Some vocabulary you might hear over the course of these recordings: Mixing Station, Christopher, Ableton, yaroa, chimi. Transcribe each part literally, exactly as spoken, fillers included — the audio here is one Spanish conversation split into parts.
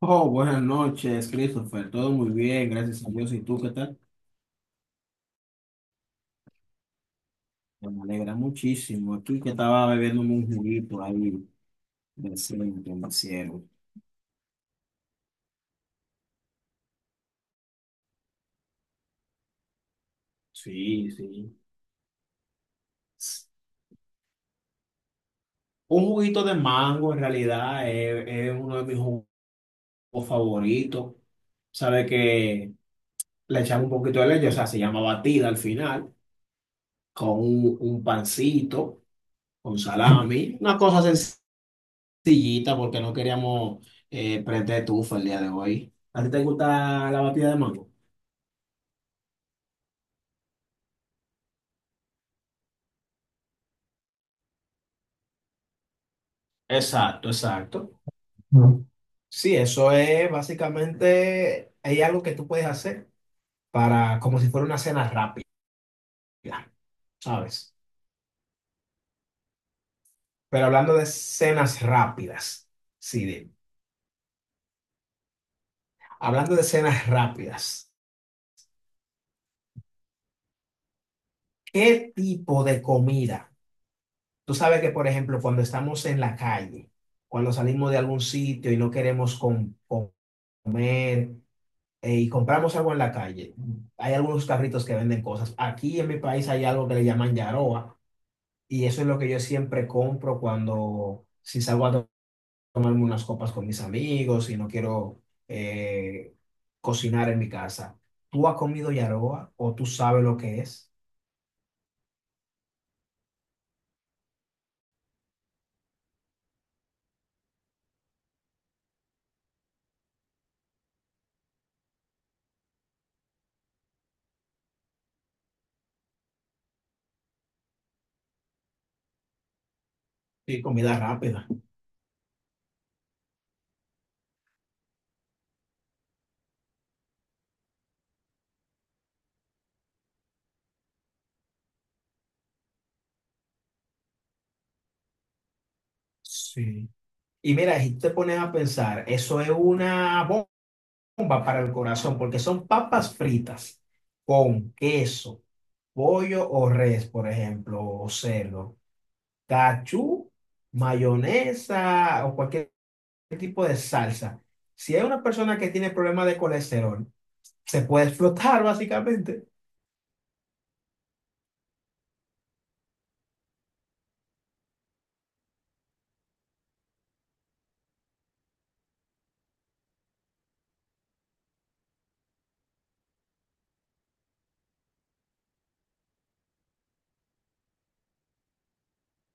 Oh, buenas noches, Christopher. Todo muy bien, gracias a Dios. ¿Y tú qué tal? Bueno, me alegra muchísimo. Aquí que estaba bebiéndome un juguito ahí decente, me hicieron. Sí, sí. Un juguito de mango, en realidad, es, es uno de mis jugos favoritos. Sabe que le echamos un poquito de leche, o sea, se llama batida al final, con un, un pancito, con salami, una cosa sencilla. Sillita porque no queríamos eh, prender tufa el día de hoy. ¿A ti te gusta la batida de mango? Exacto, exacto. No. Sí, eso es básicamente, hay algo que tú puedes hacer para, como si fuera una cena rápida, ¿sabes? Pero hablando de cenas rápidas, sí, de- hablando de cenas rápidas, ¿qué tipo de comida? Tú sabes que, por ejemplo, cuando estamos en la calle, cuando salimos de algún sitio y no queremos com- comer, eh, y compramos algo en la calle, hay algunos carritos que venden cosas. Aquí en mi país hay algo que le llaman yaroa y eso es lo que yo siempre compro cuando, si salgo a to- tomarme unas copas con mis amigos y no quiero eh, cocinar en mi casa. ¿Tú has comido yaroa o tú sabes lo que es? Sí, comida rápida. Sí. Y mira, si te pones a pensar, eso es una bomba. Bomba para el corazón, porque son papas fritas con queso, pollo o res, por ejemplo, o cerdo, cachú, mayonesa o cualquier tipo de salsa. Si hay una persona que tiene problemas de colesterol, se puede explotar básicamente.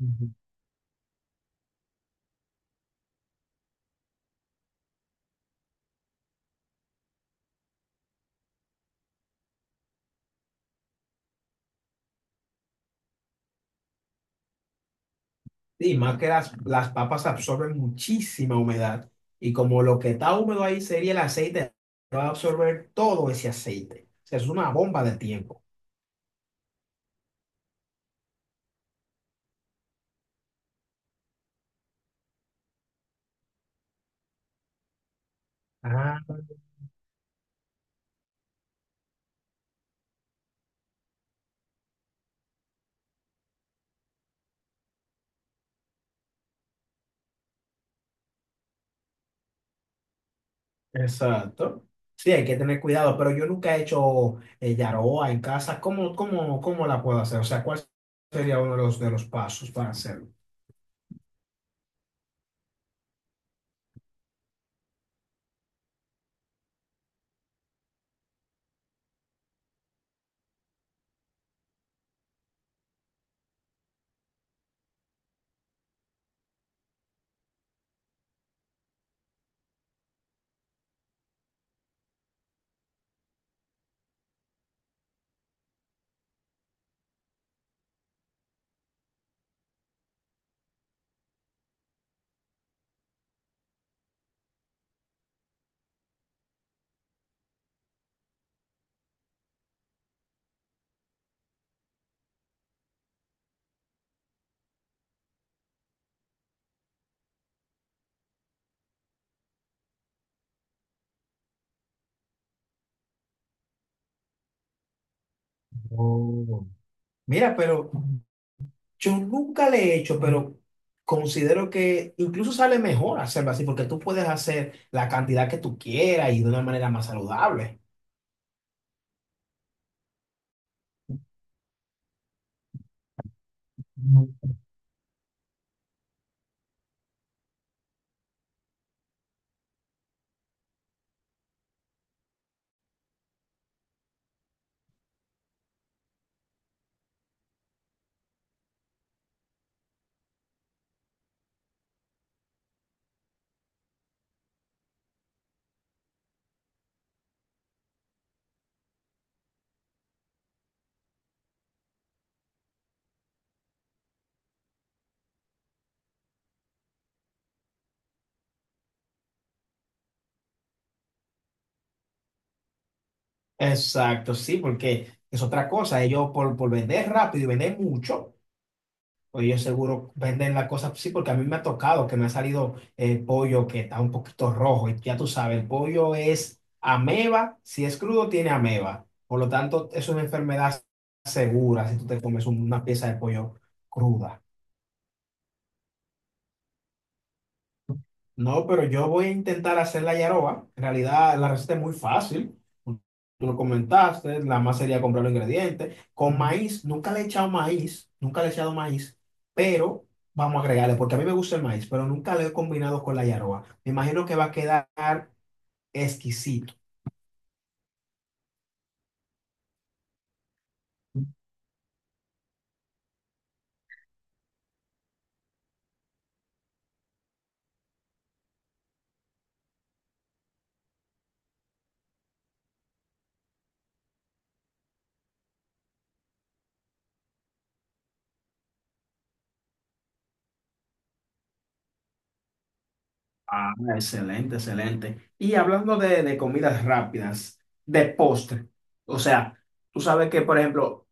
Ujú. Y más que las, las papas absorben muchísima humedad. Y como lo que está húmedo ahí sería el aceite, va a absorber todo ese aceite. O sea, es una bomba de tiempo. Ah, exacto. Sí, hay que tener cuidado, pero yo nunca he hecho eh, yaroa en casa. ¿Cómo, cómo, cómo la puedo hacer? O sea, ¿cuál sería uno de los, de los pasos para hacerlo? Oh. Mira, pero, yo nunca le he hecho, pero considero que incluso sale mejor hacerlo así, porque tú puedes hacer la cantidad que tú quieras y de una manera más saludable. No. Exacto, sí, porque es otra cosa. Ellos por, por vender rápido y vender mucho, pues ellos seguro venden la cosa, sí, porque a mí me ha tocado que me ha salido el pollo que está un poquito rojo. Y ya tú sabes, el pollo es ameba, si es crudo tiene ameba. Por lo tanto, es una enfermedad segura si tú te comes una pieza de pollo cruda. No, pero yo voy a intentar hacer la yaroba. En realidad, la receta es muy fácil. Tú lo comentaste, la más sería comprar los ingredientes. Con maíz, nunca le he echado maíz, nunca le he echado maíz, pero vamos a agregarle, porque a mí me gusta el maíz, pero nunca lo he combinado con la yaroba. Me imagino que va a quedar exquisito. Ah, excelente, excelente. Y hablando de, de comidas rápidas, de postre, o sea, tú sabes que, por ejemplo,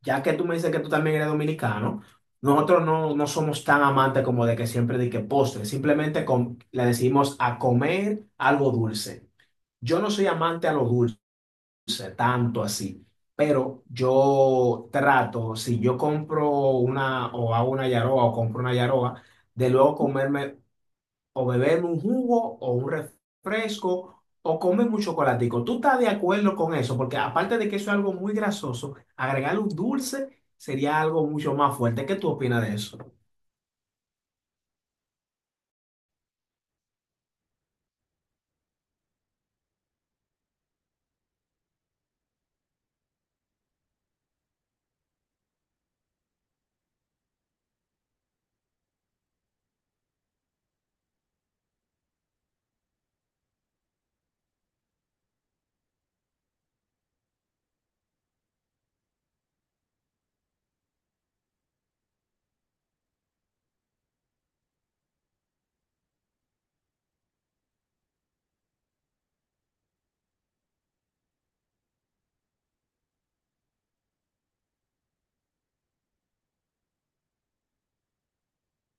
ya que tú me dices que tú también eres dominicano, nosotros no, no somos tan amantes como de que siempre de que postre, simplemente com- le decimos a comer algo dulce. Yo no soy amante a lo dulce, tanto así, pero yo trato, si yo compro una o hago una yaroa o compro una yaroa, de luego comerme o beberme un jugo o un refresco o comerme un chocolatico. ¿Tú estás de acuerdo con eso? Porque aparte de que eso es algo muy grasoso, agregarle un dulce sería algo mucho más fuerte. ¿Qué tú opinas de eso?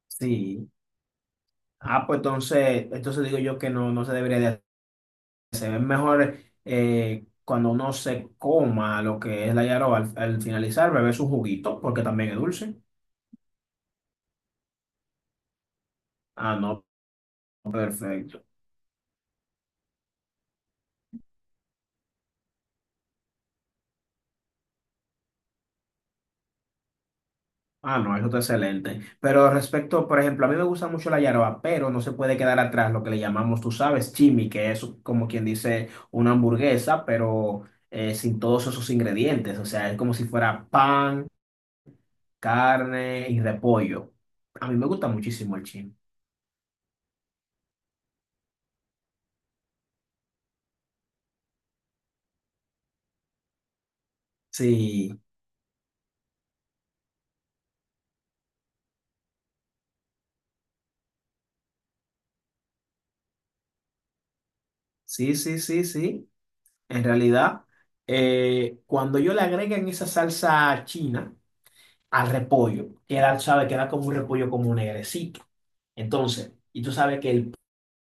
Sí, ah, pues entonces, entonces digo yo que no, no se debería de hacer. Es mejor eh, cuando uno se coma lo que es la yaroba al, al finalizar, beber su juguito, porque también es dulce. Ah, no, perfecto. Ah, no, eso está excelente. Pero respecto, por ejemplo, a mí me gusta mucho la yaroa, pero no se puede quedar atrás lo que le llamamos, tú sabes, chimi, que es como quien dice una hamburguesa, pero eh, sin todos esos ingredientes. O sea, es como si fuera pan, carne y repollo. A mí me gusta muchísimo el chimi. Sí, sí, sí, sí, sí. En realidad, eh, cuando yo le agregan esa salsa china, al repollo, que era, sabe, que era como un repollo como negrecito. Entonces, y tú sabes que el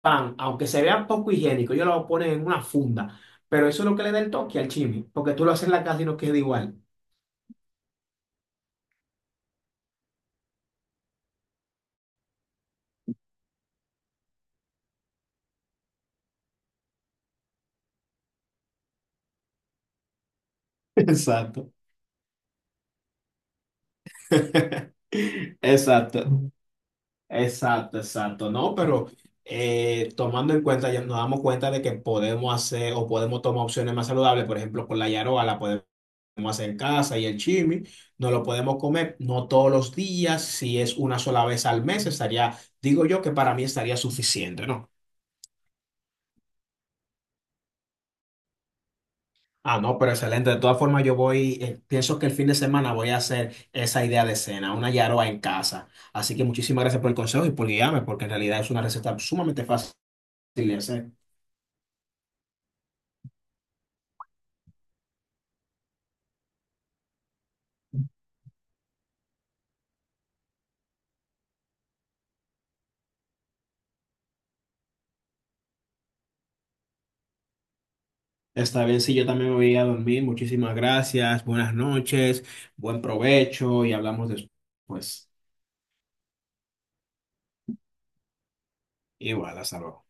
pan, aunque se vea poco higiénico, ellos lo ponen en una funda, pero eso es lo que le da el toque al chimi, porque tú lo haces en la casa y no queda igual. Exacto. Exacto. Exacto, exacto. No, pero eh, tomando en cuenta, ya nos damos cuenta de que podemos hacer o podemos tomar opciones más saludables, por ejemplo, con la yaroa, la podemos hacer casa y el chimi, no lo podemos comer, no todos los días, si es una sola vez al mes, estaría, digo yo que para mí estaría suficiente, ¿no? Ah, no, pero excelente. De todas formas, yo voy, eh, pienso que el fin de semana voy a hacer esa idea de cena, una yaroa en casa. Así que muchísimas gracias por el consejo y por guiarme, porque en realidad es una receta sumamente fácil de hacer. Está bien, sí, yo también me voy a dormir. Muchísimas gracias, buenas noches, buen provecho y hablamos después. Igual, hasta luego.